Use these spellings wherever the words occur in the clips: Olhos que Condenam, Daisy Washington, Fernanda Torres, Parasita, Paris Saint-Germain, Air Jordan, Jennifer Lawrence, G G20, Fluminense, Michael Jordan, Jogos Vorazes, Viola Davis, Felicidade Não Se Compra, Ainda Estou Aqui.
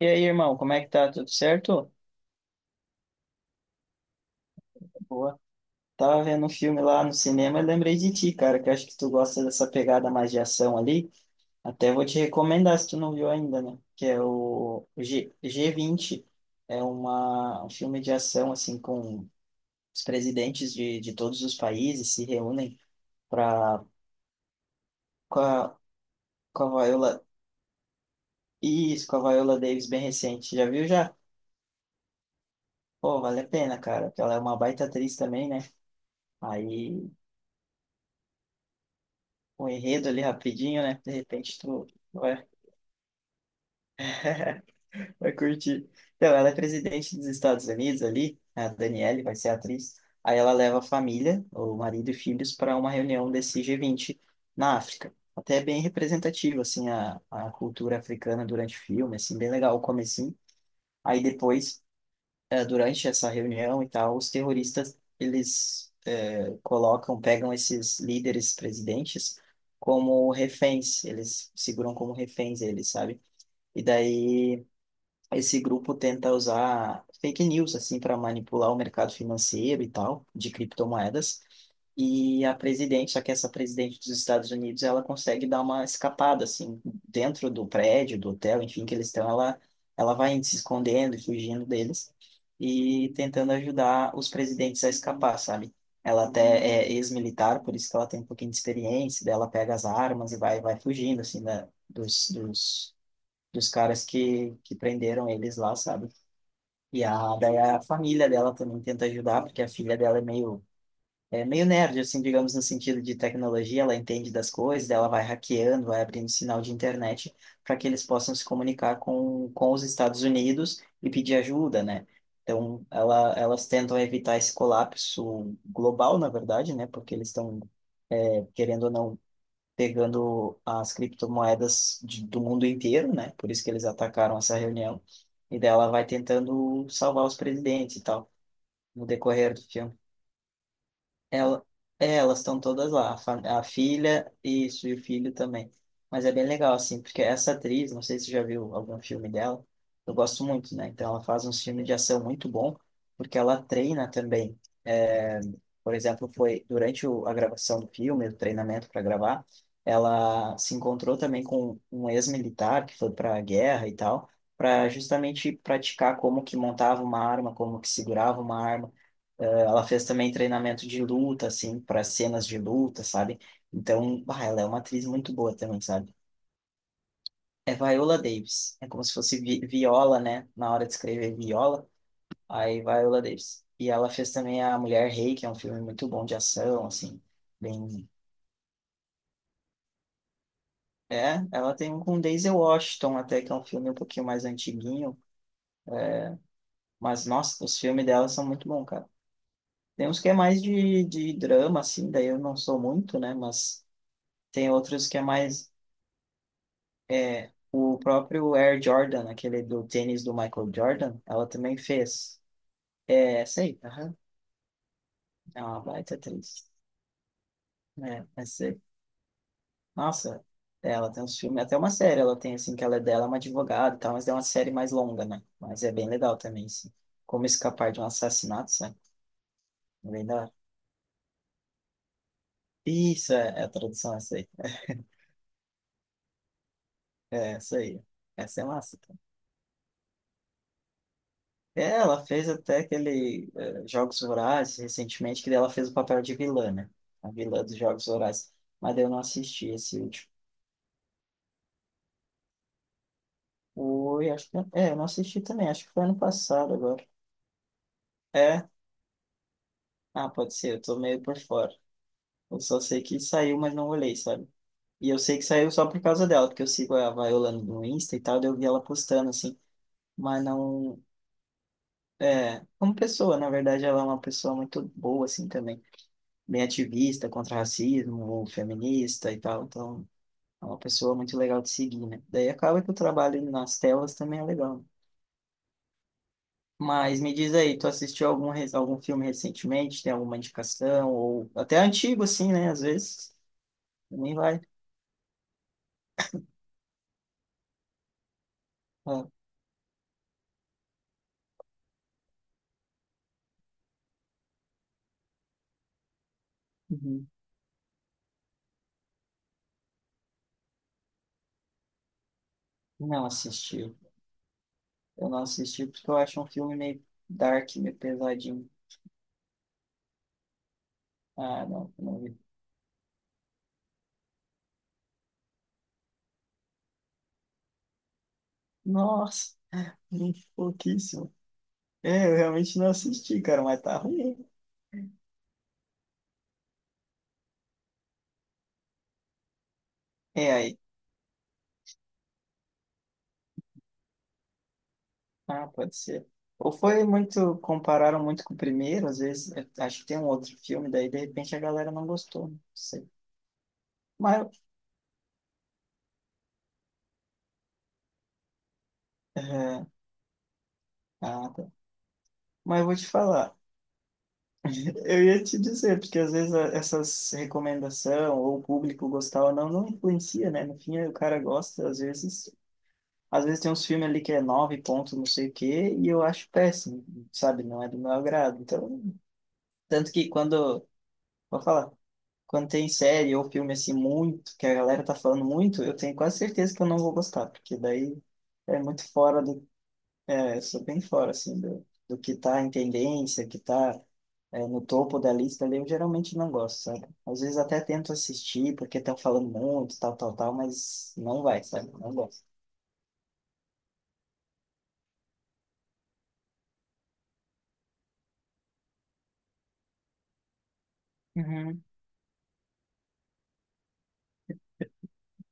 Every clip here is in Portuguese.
E aí, irmão, como é que tá? Tudo certo? Boa. Tava vendo um filme lá no cinema e lembrei de ti, cara, que eu acho que tu gosta dessa pegada mais de ação ali. Até vou te recomendar se tu não viu ainda, né? Que é o G G20. É um filme de ação, assim, com os presidentes de todos os países se reúnem pra, com com a Viola... Isso, com a Viola Davis bem recente. Já viu já? Pô, vale a pena, cara, porque ela é uma baita atriz também, né? Aí um enredo ali rapidinho, né? De repente tu vai, vai curtir. Então, ela é presidente dos Estados Unidos ali, a Danielle vai ser a atriz. Aí ela leva a família, o marido e filhos, para uma reunião desse G20 na África. Até é bem representativo, assim, a cultura africana durante o filme, assim, bem legal o comecinho. Aí depois durante essa reunião e tal, os terroristas, eles colocam, pegam esses líderes presidentes como reféns, eles seguram como reféns eles, sabe? E daí esse grupo tenta usar fake news, assim, para manipular o mercado financeiro e tal, de criptomoedas, e a presidente, só que essa presidente dos Estados Unidos, ela consegue dar uma escapada, assim, dentro do prédio, do hotel, enfim, que eles estão, ela vai se escondendo e fugindo deles e tentando ajudar os presidentes a escapar, sabe? Ela até é ex-militar, por isso que ela tem um pouquinho de experiência, daí ela pega as armas e vai fugindo, assim, da, dos caras que prenderam eles lá, sabe? E a, daí a família dela também tenta ajudar, porque a filha dela é meio nerd, assim, digamos, no sentido de tecnologia, ela entende das coisas, daí ela vai hackeando, vai abrindo sinal de internet para que eles possam se comunicar com os Estados Unidos e pedir ajuda, né? Então, ela, elas tentam evitar esse colapso global, na verdade, né? Porque eles estão, é, querendo ou não, pegando as criptomoedas do mundo inteiro, né? Por isso que eles atacaram essa reunião. E daí ela vai tentando salvar os presidentes e tal, no decorrer do filme. Ela, é, elas estão todas lá, a, a filha isso, e o filho também. Mas é bem legal, assim, porque essa atriz, não sei se você já viu algum filme dela, eu gosto muito, né? Então ela faz uns filmes de ação muito bom, porque ela treina também. É, por exemplo, foi durante a gravação do filme, o treinamento para gravar, ela se encontrou também com um ex-militar que foi para a guerra e tal, para justamente praticar como que montava uma arma, como que segurava uma arma ela fez também treinamento de luta, assim, para cenas de luta, sabe? Então, bah, ela é uma atriz muito boa também, sabe? É Viola Davis. É como se fosse vi Viola, né? Na hora de escrever Viola, aí Viola Davis. E ela fez também A Mulher Rei, que é um filme muito bom de ação, assim, bem... É, ela tem um com Daisy Washington até, que é um filme um pouquinho mais antiguinho. Mas, nossa, os filmes dela são muito bons, cara. Tem uns que é mais de drama, assim, daí eu não sou muito, né? Mas tem outros que é mais. É, o próprio Air Jordan, aquele do tênis do Michael Jordan, ela também fez. É, essa aí, aham. É uma baita atriz. É, essa aí. Nossa, ela tem uns filmes, até uma série ela tem, assim, que ela é dela, é uma advogada e tal, mas é uma série mais longa, né? Mas é bem legal também, assim. Como escapar de um assassinato, sabe? É bem da hora. Isso, é, é a tradução, essa aí. É, essa aí. Essa é massa, tá? É, ela fez até aquele Jogos Vorazes recentemente, que daí ela fez o papel de vilã, né? A vilã dos Jogos Vorazes. Mas daí eu não assisti esse último. Oi, acho que... É, eu não assisti também, acho que foi ano passado agora. É? Ah, pode ser, eu tô meio por fora. Eu só sei que saiu, mas não olhei, sabe? E eu sei que saiu só por causa dela, porque eu sigo a Viola no Insta e tal, daí eu vi ela postando, assim. Mas não... É, como pessoa, na verdade, ela é uma pessoa muito boa, assim, também. Bem ativista contra racismo, feminista e tal. Então, é uma pessoa muito legal de seguir, né? Daí acaba que o trabalho nas telas também é legal. Mas me diz aí, tu assistiu algum, algum filme recentemente? Tem alguma indicação? Ou até antigo, assim, né? Às vezes também vai. Ah, uhum. Não assisti. Eu não assisti porque eu acho um filme meio dark, meio pesadinho. Ah, não, não vi. Nossa, pouquíssimo. É, eu realmente não assisti, cara, mas tá ruim. É, ah, pode ser. Ou foi muito, compararam muito com o primeiro, às vezes, eu acho que tem um outro filme, daí de repente a galera não gostou, não sei. Mas, é, ah, tá. Mas eu vou te falar, eu ia te dizer, porque às vezes essas recomendação ou o público gostar ou não, não influencia, né? No fim, o cara gosta, às vezes tem uns filmes ali que é nove pontos, não sei o quê, e eu acho péssimo, sabe? Não é do meu agrado. Então, tanto que quando, vou falar. Quando tem série ou filme assim muito, que a galera tá falando muito, eu tenho quase certeza que eu não vou gostar, porque daí é muito fora do. É, eu sou bem fora, assim, do, do que tá em tendência, que tá é, no topo da lista ali, eu geralmente não gosto, sabe? Às vezes até tento assistir, porque estão falando muito, tal, tal, tal, mas não vai, sabe? Não gosto. Uhum.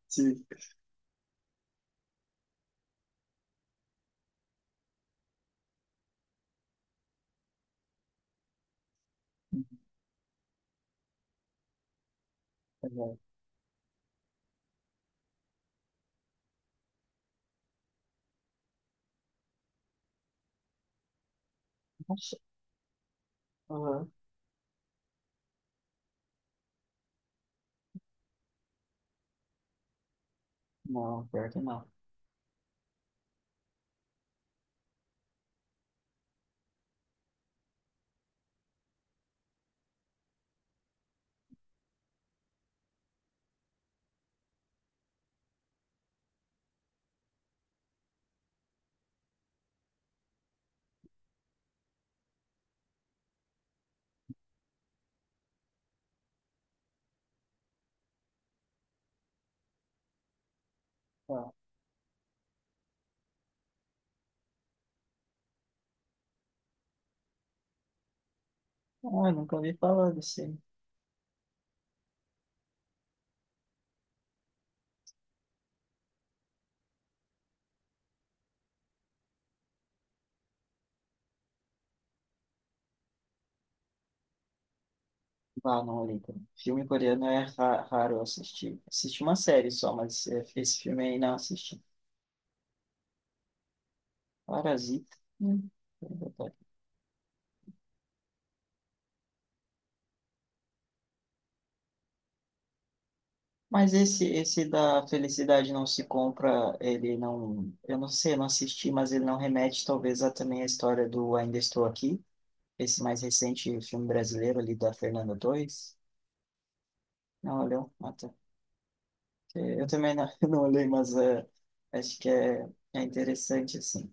Sim. Aham. Não, pior que não. Ah, eu nunca ouvi falar desse. Ah, não olhei, cara. Filme coreano é raro assistir. Assisti uma série só, mas é, esse filme aí não assisti. Parasita. Hum. Mas esse da Felicidade Não Se Compra, ele não. Eu não sei, eu não assisti, mas ele não remete talvez a também a história do Ainda Estou Aqui, esse mais recente filme brasileiro ali da Fernanda Torres. Não olhou? Ah, tá. Eu também não, não olhei, mas é, acho que é, é interessante assim.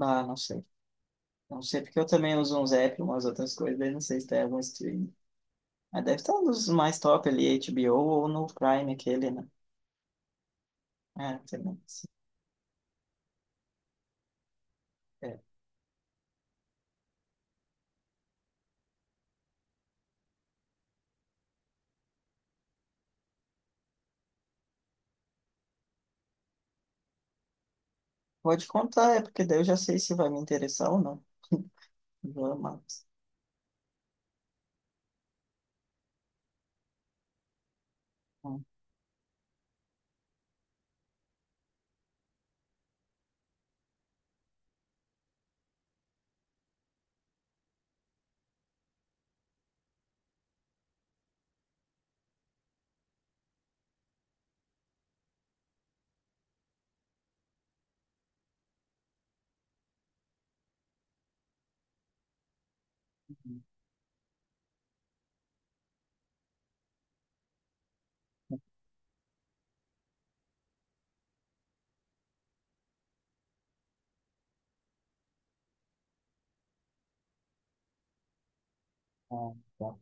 Ah, não sei. Não sei porque eu também uso uns apps, umas outras coisas, daí não sei se tem algum streaming. Mas deve estar nos mais top ali, HBO ou no Prime aquele, né? É, também, sim. É. Pode contar, é porque daí eu já sei se vai me interessar ou não. Vou amar. Uhum. Ah, tá.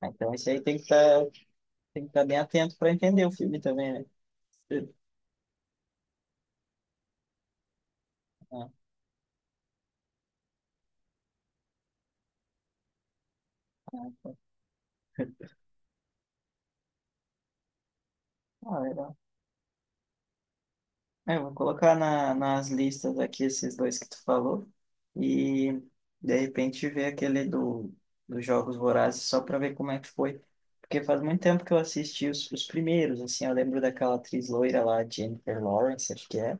Ah, então esse aí tem que estar tem que tá bem atento para entender o filme também, né? Ah, tá. Ah, é, eu vou colocar nas listas aqui esses dois que tu falou e de repente ver aquele do, dos Jogos Vorazes só para ver como é que foi. Porque faz muito tempo que eu assisti os primeiros, assim, eu lembro daquela atriz loira lá, Jennifer Lawrence, acho que é.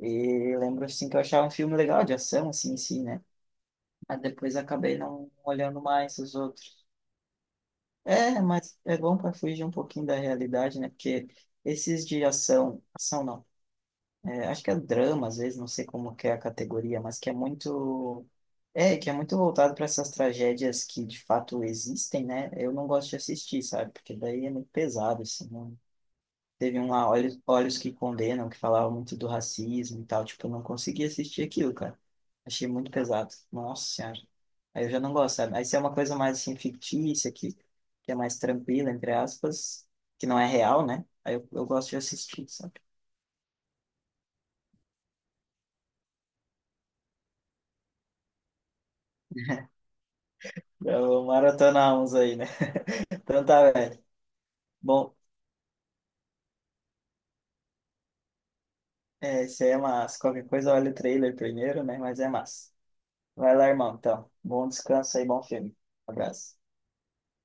E lembro, assim, que eu achava um filme legal de ação, assim, em si, né? Mas depois acabei não olhando mais os outros. É, mas é bom para fugir um pouquinho da realidade, né? Porque esses de ação, ação não. É, acho que é drama, às vezes, não sei como que é a categoria, mas que é muito. É, que é muito voltado para essas tragédias que de fato existem, né? Eu não gosto de assistir, sabe? Porque daí é muito pesado, assim. Não... Teve um lá, Olhos, Olhos que Condenam, que falava muito do racismo e tal. Tipo, eu não consegui assistir aquilo, cara. Achei muito pesado. Nossa Senhora. Aí eu já não gosto, sabe? Aí se é uma coisa mais, assim, fictícia, que é mais tranquila, entre aspas, que não é real, né? Aí eu gosto de assistir, sabe? Eu maratonamos aí, né? Então tá, velho. Bom, é, isso aí é massa. Qualquer coisa, olha o trailer primeiro, né? Mas é massa. Vai lá, irmão, então. Bom descanso aí, bom filme. Abraço.